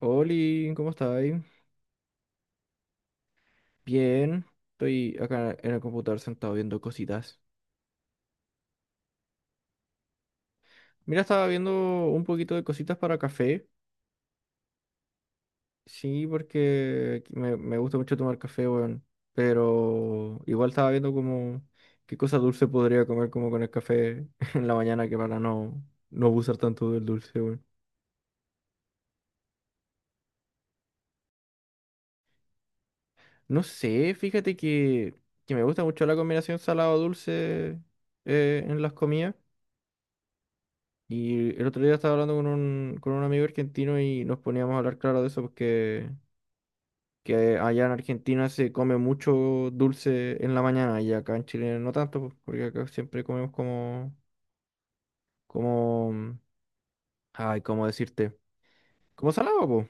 Oli, ¿cómo estáis? Bien, estoy acá en el computador sentado viendo cositas. Mira, estaba viendo un poquito de cositas para café. Sí, porque me gusta mucho tomar café, weón. Pero igual estaba viendo como qué cosa dulce podría comer como con el café en la mañana que para no, no abusar tanto del dulce, weón. No sé, fíjate que me gusta mucho la combinación salado-dulce en las comidas. Y el otro día estaba hablando con un amigo argentino y nos poníamos a hablar, claro, de eso, porque que allá en Argentina se come mucho dulce en la mañana y acá en Chile no tanto, pues, porque acá siempre comemos como, ay, ¿cómo decirte? Como salado, pues.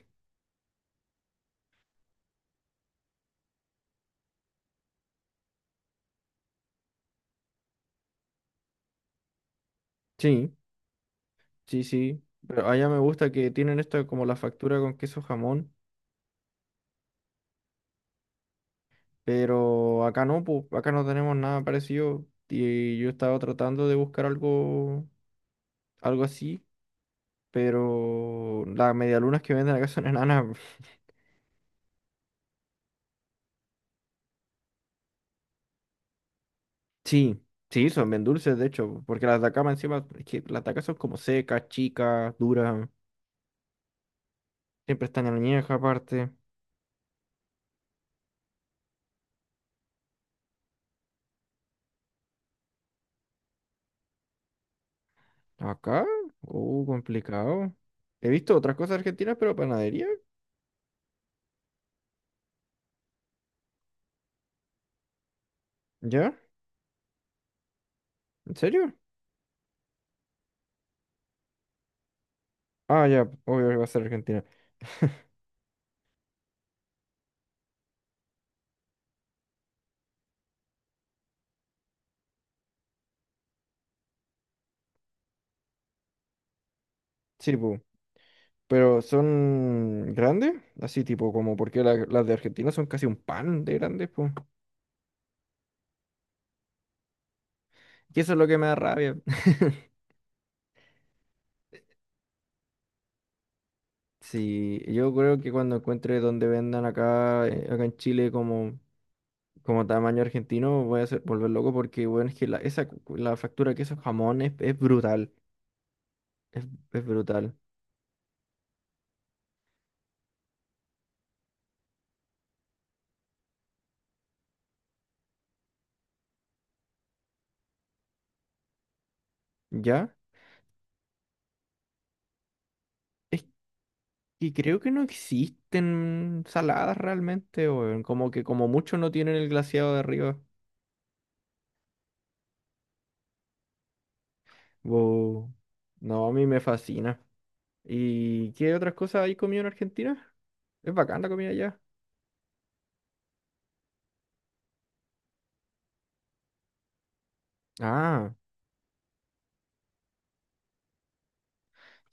Sí, sí, sí. Pero allá me gusta que tienen esta como la factura con queso jamón, pero acá no, pues, acá no tenemos nada parecido y yo estaba tratando de buscar algo así. Pero las medialunas que venden acá son enanas. Sí, sí, son bien dulces, de hecho, porque las de acá más encima, es que las de acá son como secas, chicas, duras, siempre están en añeja aparte. Acá, complicado. He visto otras cosas argentinas, pero panadería, ¿ya? ¿En serio? Ah, ya, obvio que va a ser Argentina. Sí, pu, pero son grandes, así tipo, como porque las de Argentina son casi un pan de grandes, pues. Y eso es lo que me da rabia. Sí, yo creo que cuando encuentre donde vendan acá, acá en Chile como, como tamaño argentino, volver loco porque, bueno, es que la factura que esos jamones es brutal, es, es brutal. ¿Ya? Es que creo que no existen saladas realmente, weón, como que como mucho no tienen el glaseado de arriba. Wow. No, a mí me fascina. ¿Y qué otras cosas hay comido en Argentina? Es bacán la comida allá. Ah.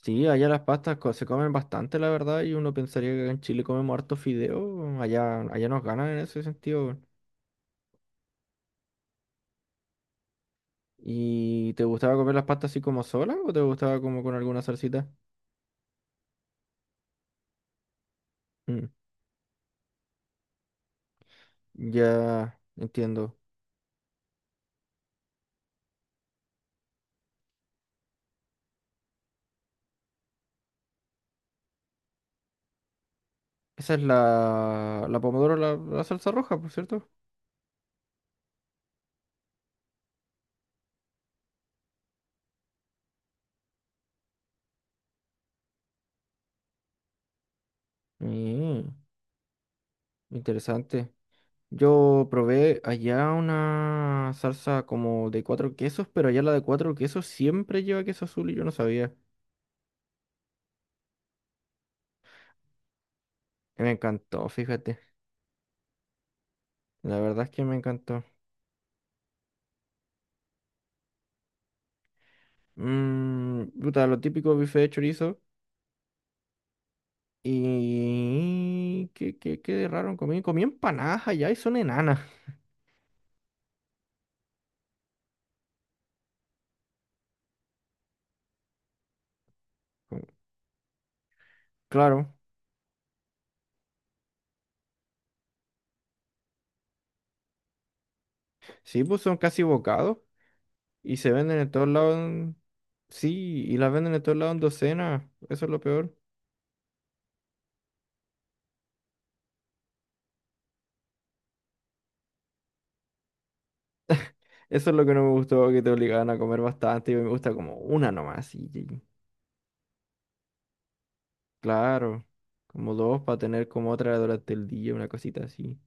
Sí, allá las se comen bastante, la verdad, y uno pensaría que acá en Chile comemos harto fideo, allá, allá nos ganan en ese sentido, weón. ¿Y te gustaba comer las pastas así como solas o te gustaba como con alguna salsita? Mm, ya entiendo. Esa es la pomodoro, la salsa roja, por cierto. Mm, interesante. Yo probé allá una salsa como de cuatro quesos, pero allá la de cuatro quesos siempre lleva queso azul y yo no sabía. Y me encantó, fíjate. La verdad es que me encantó. Mm, puta, lo típico bife de chorizo. Y... ¿Qué, qué, qué de raro comí? Comí empanadas allá y son enanas. Mm. Claro. Sí, pues son casi bocados. Y se venden en todos lados, en-. Sí, y las venden en todos lados en docenas. Eso es lo peor. Eso es lo que no me gustó, que te obligaban a comer bastante. Y me gusta como una nomás. Y- claro. Como dos para tener como otra durante el día, una cosita así.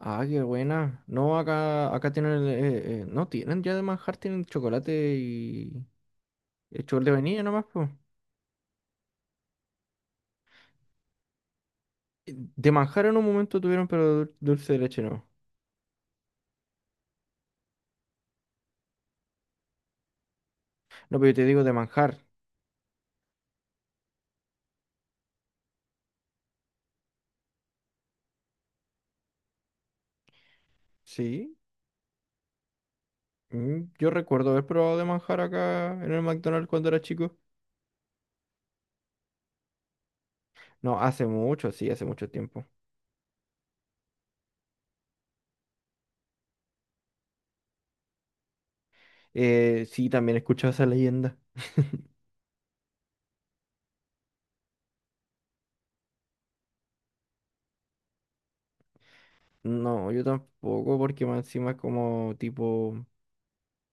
Ah, qué buena. No, acá, acá tienen, no tienen ya de manjar, tienen chocolate y chocolate de vainilla nomás, pues. De manjar en un momento tuvieron, pero dulce de leche no. No, pero yo te digo de manjar, ¿sí? Mm, yo recuerdo haber probado de manjar acá en el McDonald's cuando era chico. No, hace mucho, sí, hace mucho tiempo. Sí, también he escuchado esa leyenda. No, yo tampoco, porque más encima es como tipo,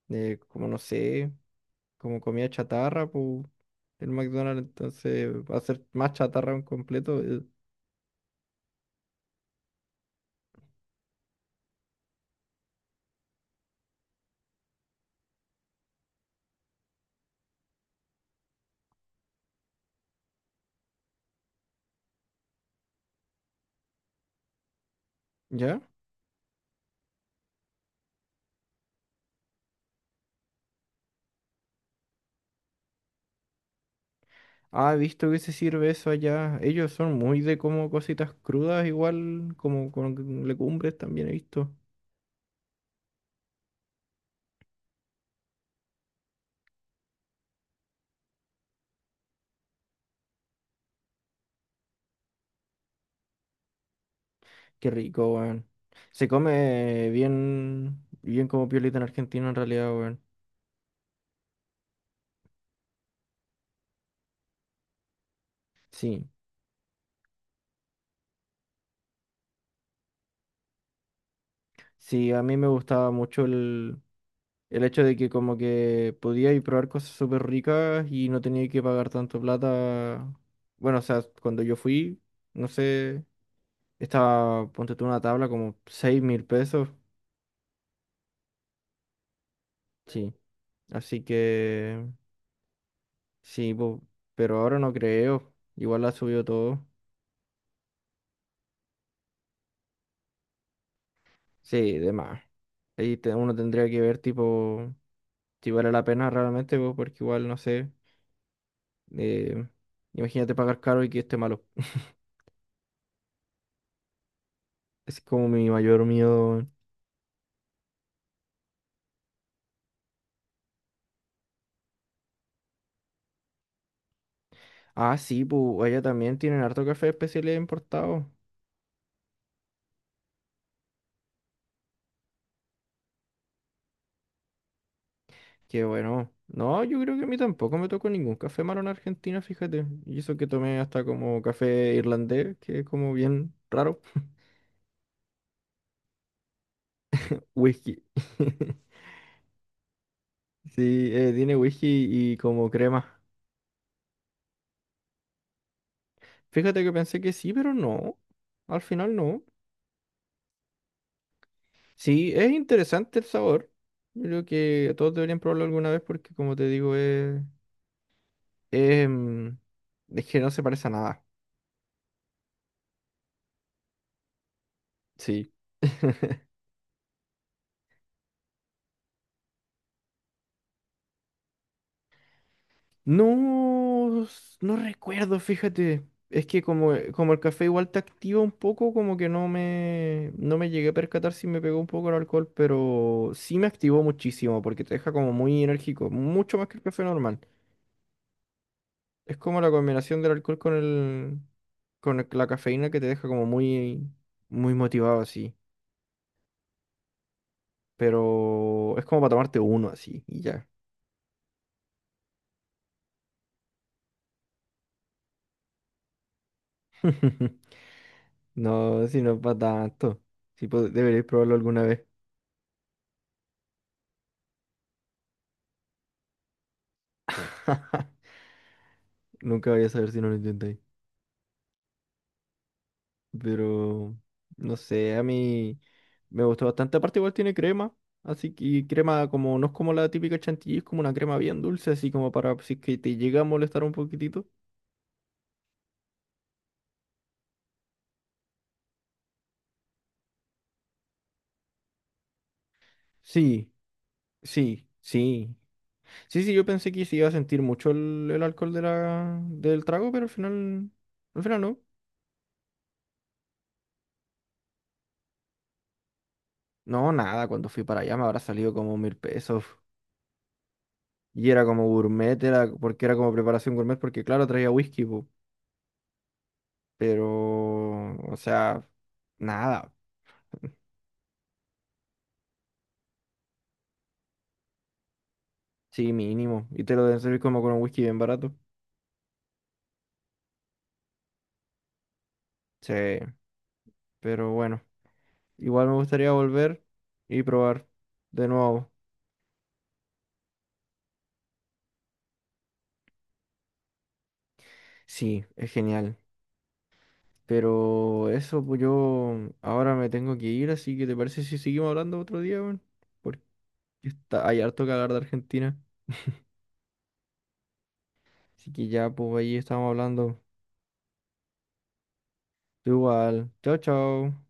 como no sé, como comida chatarra, pues el McDonald's entonces va a ser más chatarra un completo, eh. ¿Ya? Ah, he visto que se sirve eso allá. Ellos son muy de como cositas crudas, igual como con legumbres también he visto. Qué rico, weón. Se come bien, bien como piolita en Argentina en realidad, weón. Sí, sí, a mí me gustaba mucho el hecho de que como que podía ir probar cosas súper ricas y no tenía que pagar tanto plata. Bueno, o sea, cuando yo fui, no sé, estaba, ponte tú una tabla como 6000 pesos. Sí. Así que, sí, po, pero ahora no creo. Igual ha subido todo. Sí, de más. Uno tendría que ver tipo si vale la pena realmente, po, porque igual, no sé, eh, imagínate pagar caro y que esté malo. Es como mi mayor miedo. Ah, sí, pues ella también tienen harto café especiales importado. Qué bueno. No, yo creo que a mí tampoco me tocó ningún café malo en Argentina, fíjate. Y eso que tomé hasta como café irlandés, que es como bien raro. Whisky. Sí, tiene whisky y como crema. Fíjate que pensé que sí, pero no. Al final no. Sí, es interesante el sabor. Yo creo que todos deberían probarlo alguna vez porque, como te digo, es, mm, es que no se parece a nada. Sí. No, no recuerdo, fíjate. Es que como, como el café igual te activa un poco, como que no me llegué a percatar si me pegó un poco el alcohol, pero sí me activó muchísimo porque te deja como muy enérgico, mucho más que el café normal. Es como la combinación del alcohol con la cafeína que te deja como muy, muy motivado así. Pero es como para tomarte uno así y ya. No, si no es para tanto. Si deberéis probarlo alguna vez. Nunca voy a saber si no lo intentáis. Pero no sé, a mí me gustó bastante. Aparte, igual tiene crema. Así que y crema como no es como la típica chantilly, es como una crema bien dulce, así como para si es que te llega a molestar un poquitito. Sí, sí, sí. Sí, sí, yo pensé que sí iba a sentir mucho el alcohol de del trago, pero al final no. No, nada, cuando fui para allá me habrá salido como 1000 pesos. Y era como gourmet, era porque era como preparación gourmet, porque claro, traía whisky, po. Pero, o sea, nada. Sí, mínimo. Y te lo deben servir como con un whisky bien barato. Sí, pero bueno. Igual me gustaría volver y probar de nuevo. Sí, es genial. Pero eso, pues yo ahora me tengo que ir, así que ¿te parece si seguimos hablando otro día, weón? Porque está, hay harto que hablar de Argentina. Así que ya, pues ahí estamos hablando. Tú igual. Chao, chao.